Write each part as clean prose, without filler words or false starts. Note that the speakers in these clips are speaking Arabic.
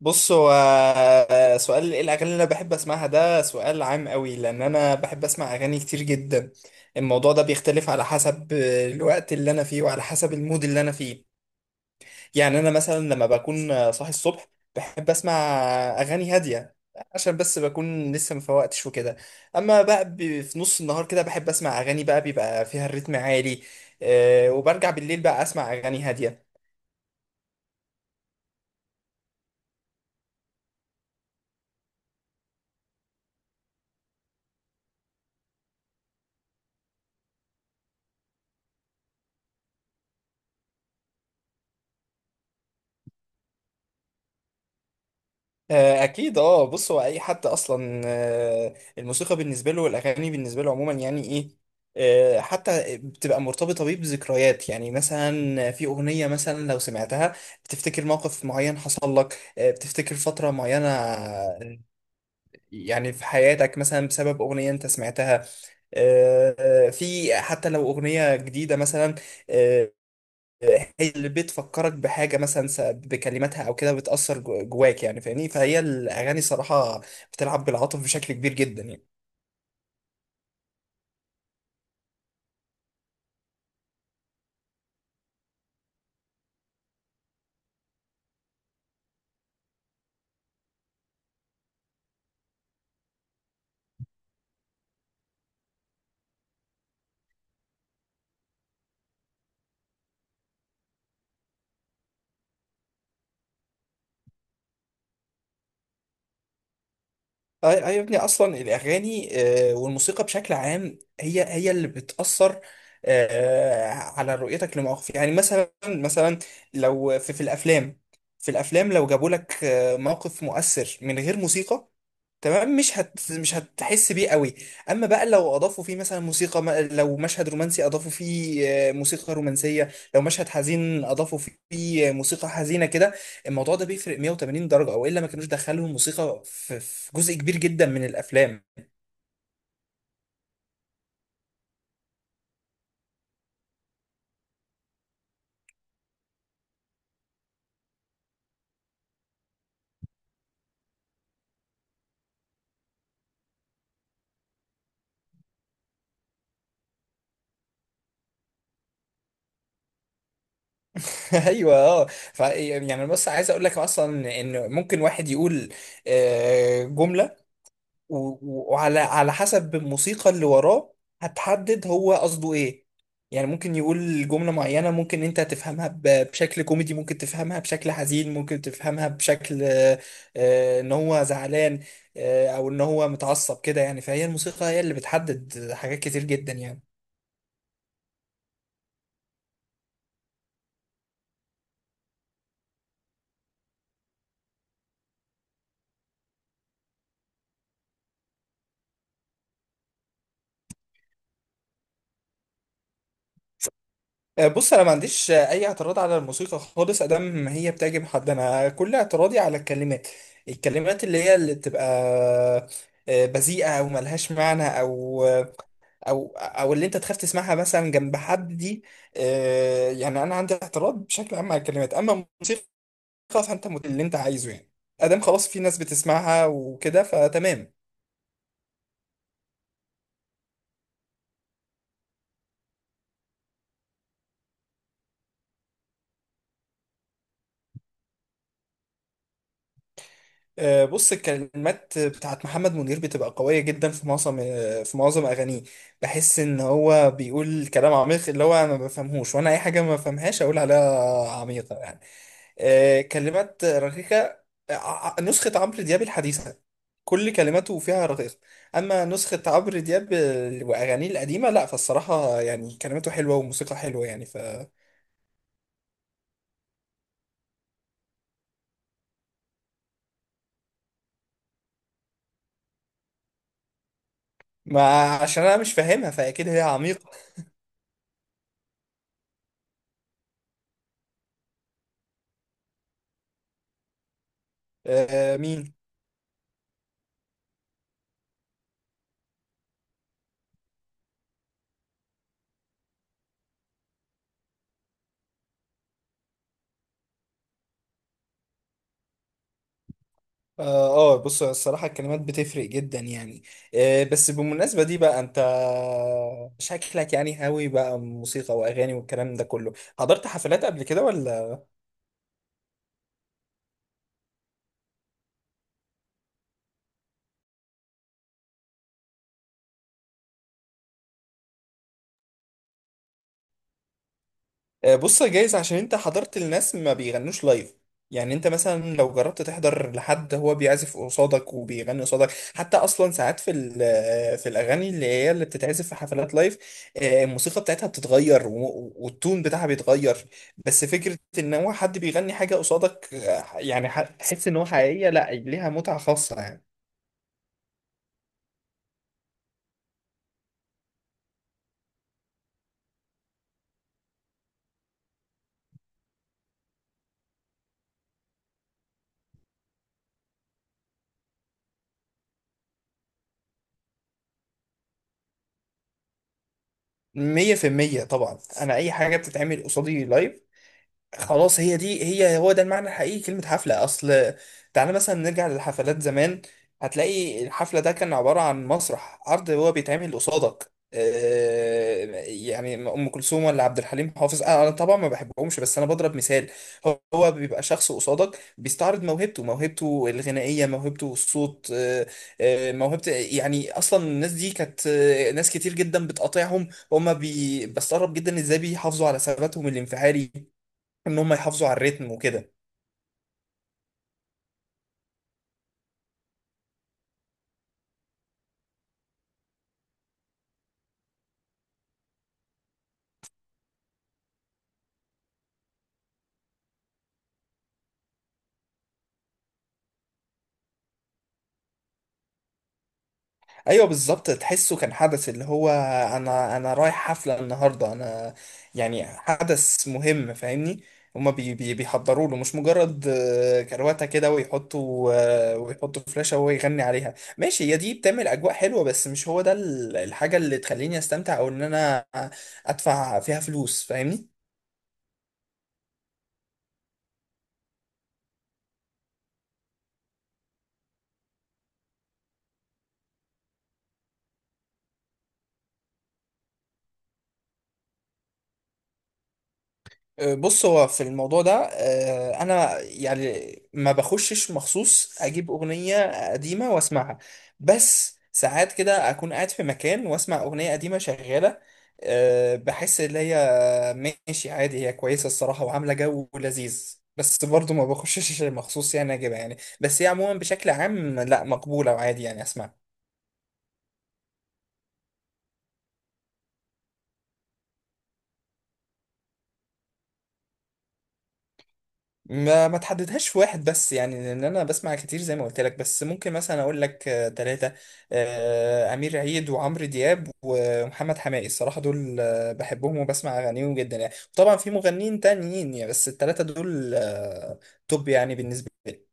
بص، هو سؤال ايه الاغاني اللي انا بحب اسمعها؟ ده سؤال عام قوي لان انا بحب اسمع اغاني كتير جدا. الموضوع ده بيختلف على حسب الوقت اللي انا فيه وعلى حسب المود اللي انا فيه. يعني انا مثلا لما بكون صاحي الصبح بحب اسمع اغاني هادية عشان بس بكون لسه مفوقتش وكده. اما بقى في نص النهار كده بحب اسمع اغاني بقى بيبقى فيها الريتم عالي. وبرجع بالليل بقى اسمع اغاني هادية. اكيد. اه، بص، هو اي حد اصلا الموسيقى بالنسبه له والاغاني بالنسبه له عموما يعني ايه. حتى بتبقى مرتبطه بيه بذكريات، يعني مثلا في اغنيه مثلا لو سمعتها بتفتكر موقف معين حصل لك، بتفتكر فتره معينه يعني في حياتك مثلا بسبب اغنيه انت سمعتها. في حتى لو أغنية جديدة مثلا، آه، هي اللي بتفكرك بحاجة مثلا بكلماتها أو كده بتأثر جواك يعني، فاهمني؟ فهي الأغاني صراحة بتلعب بالعاطف بشكل كبير جدا يعني. أي أي، يا ابني أصلا الأغاني والموسيقى بشكل عام هي اللي بتأثر على رؤيتك لمواقف، يعني مثلا مثلا لو في الأفلام لو جابوا لك موقف مؤثر من غير موسيقى، تمام مش هتحس بيه قوي. اما بقى لو اضافوا فيه مثلا موسيقى، لو مشهد رومانسي اضافوا فيه موسيقى رومانسيه، لو مشهد حزين اضافوا فيه موسيقى حزينه كده. الموضوع ده بيفرق 180 درجه، او الا ما كانوش دخلوا الموسيقى في جزء كبير جدا من الافلام. ايوه اه. يعني، بس عايز اقول لك اصلا ان ممكن واحد يقول جمله، وعلى حسب الموسيقى اللي وراه هتحدد هو قصده ايه. يعني ممكن يقول جملة معينة ممكن انت تفهمها بشكل كوميدي، ممكن تفهمها بشكل حزين، ممكن تفهمها بشكل ان هو زعلان، او ان هو متعصب كده، يعني فهي الموسيقى هي اللي بتحدد حاجات كتير جدا يعني. بص، انا ما عنديش اي اعتراض على الموسيقى خالص ادام ما هي بتعجب حد. انا كل اعتراضي على الكلمات، الكلمات اللي هي اللي بتبقى بذيئه او ملهاش معنى، او اللي انت تخاف تسمعها مثلا جنب حد دي. يعني انا عندي اعتراض بشكل عام على الكلمات. اما الموسيقى فانت اللي انت عايزه يعني، ادام خلاص في ناس بتسمعها وكده فتمام. بص، الكلمات بتاعت محمد منير بتبقى قوية جدا في معظم أغانيه. بحس إن هو بيقول كلام عميق، اللي هو أنا ما بفهمهوش، وأنا أي حاجة ما بفهمهاش أقول عليها عميقة يعني. كلمات رقيقة، نسخة عمرو دياب الحديثة كل كلماته فيها رقيقة. أما نسخة عمرو دياب وأغانيه القديمة لأ، فالصراحة يعني كلماته حلوة وموسيقى حلوة يعني. ما عشان أنا مش فاهمها فأكيد هي عميقة. مين؟ اه، بص الصراحة الكلمات بتفرق جدا يعني. آه بس بالمناسبة دي بقى انت شكلك يعني هاوي بقى موسيقى واغاني والكلام ده كله. حضرت حفلات قبل كده ولا؟ بص، يا جايز عشان انت حضرت الناس ما بيغنوش لايف. يعني انت مثلا لو جربت تحضر لحد هو بيعزف قصادك وبيغني قصادك، حتى اصلا ساعات في ال- آه، في الاغاني اللي هي اللي بتتعزف في حفلات لايف، الموسيقى بتاعتها بتتغير والتون بتاعها بيتغير. بس فكرة ان هو حد بيغني حاجة قصادك، يعني تحس ان هو حقيقية، لا ليها متعة خاصة يعني. مية في المية طبعا، أنا أي حاجة بتتعمل قصادي لايف خلاص هي دي، هي هو ده المعنى الحقيقي كلمة حفلة. أصل تعالى مثلا نرجع للحفلات زمان، هتلاقي الحفلة ده كان عبارة عن مسرح عرض هو بيتعمل قصادك. يعني أم كلثوم ولا عبد الحليم حافظ، أنا طبعا ما بحبهمش بس أنا بضرب مثال. هو بيبقى شخص قصادك بيستعرض موهبته، موهبته الغنائية، موهبته الصوت، موهبة يعني. أصلا الناس دي كانت ناس كتير جدا بتقاطعهم وهم بستغرب جدا إزاي بيحافظوا على ثباتهم الانفعالي، ان هم يحافظوا على الريتم وكده. ايوه بالظبط، تحسه كان حدث اللي هو انا رايح حفله النهارده. انا يعني حدث مهم، فاهمني؟ هما بي بي بيحضروا له، مش مجرد كرواتة كده ويحطوا فلاشة وهو يغني عليها، ماشي هي دي بتعمل أجواء حلوة. بس مش هو ده الحاجة اللي تخليني أستمتع أو إن أنا أدفع فيها فلوس، فاهمني؟ بص، هو في الموضوع ده انا يعني ما بخشش مخصوص اجيب اغنية قديمة واسمعها. بس ساعات كده اكون قاعد في مكان واسمع اغنية قديمة شغالة، بحس ان هي ماشي عادي، هي كويسة الصراحة وعاملة جو لذيذ. بس برضو ما بخشش مخصوص يعني اجيبها يعني، بس هي عموما بشكل عام لا مقبولة وعادي يعني اسمعها. ما تحددهاش في واحد بس يعني، لان انا بسمع كتير زي ما قلت لك. بس ممكن مثلا اقول لك ثلاثة: امير عيد وعمرو دياب ومحمد حماقي، الصراحة دول بحبهم وبسمع اغانيهم جدا يعني. طبعا في مغنيين تانيين يعني، بس الثلاثة دول توب يعني بالنسبة لي.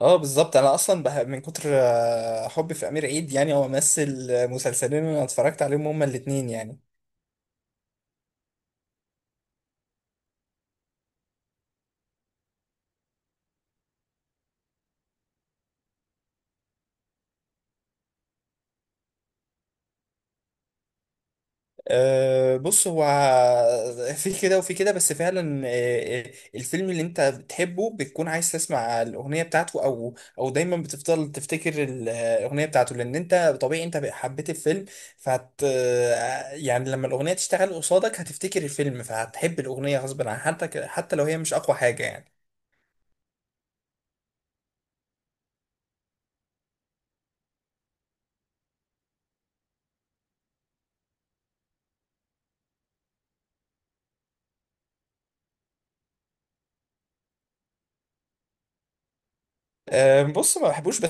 اه بالظبط، انا اصلا من كتر حبي في امير عيد، يعني هو مثل مسلسلين انا اتفرجت عليهم هما الاتنين يعني. أه بص هو في كده وفي كده، بس فعلا الفيلم اللي انت بتحبه بتكون عايز تسمع الاغنيه بتاعته، او دايما بتفضل تفتكر الاغنيه بتاعته. لان انت طبيعي انت حبيت الفيلم فهت آه، يعني لما الاغنيه تشتغل قصادك هتفتكر الفيلم فهتحب الاغنيه غصب عن، حتى حتى لو هي مش اقوى حاجه يعني. أه بص، ما بحبوش.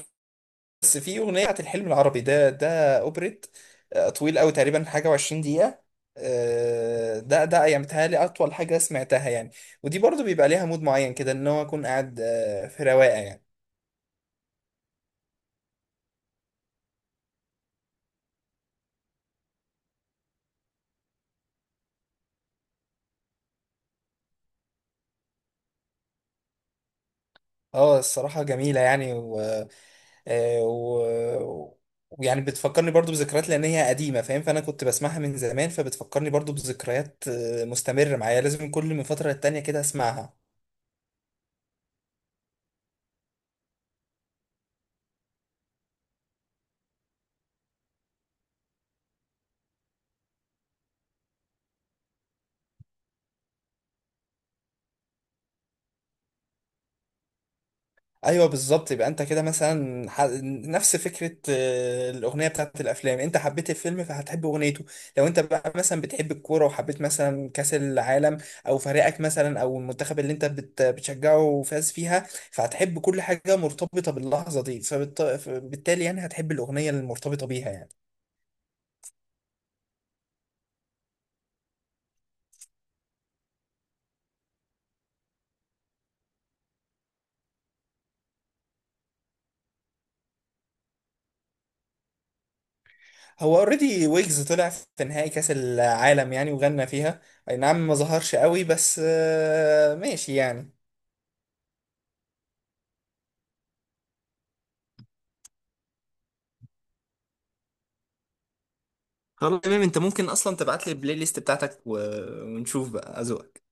بس في اغنيه بتاعت الحلم العربي، ده اوبريت طويل قوي، تقريبا حاجه و20 دقيقه. ده يعني بتهيألي اطول حاجه سمعتها يعني. ودي برضو بيبقى ليها مود معين كده، ان هو اكون قاعد في رواقه يعني. اه الصراحه جميله يعني، آه، و- ويعني بتفكرني برضو بذكريات لان هي قديمه، فاهم؟ فانا كنت بسمعها من زمان فبتفكرني برضو بذكريات مستمره معايا، لازم كل من فتره للتانيه كده اسمعها. ايوه بالظبط، يبقى انت كده مثلا نفس فكره الاغنيه بتاعت الافلام، انت حبيت الفيلم فهتحب اغنيته. لو انت بقى مثلا بتحب الكوره وحبيت مثلا كاس العالم، او فريقك مثلا، او المنتخب اللي انت بتشجعه فاز فيها، فهتحب كل حاجه مرتبطه باللحظه دي، فبالتالي يعني هتحب الاغنيه المرتبطه بيها يعني. هو اوريدي ويجز طلع في نهائي كاس العالم يعني وغنى فيها، اي نعم ما ظهرش قوي بس ماشي يعني. خلاص تمام، انت ممكن اصلا تبعت لي البلاي ليست بتاعتك ونشوف بقى اذوقك.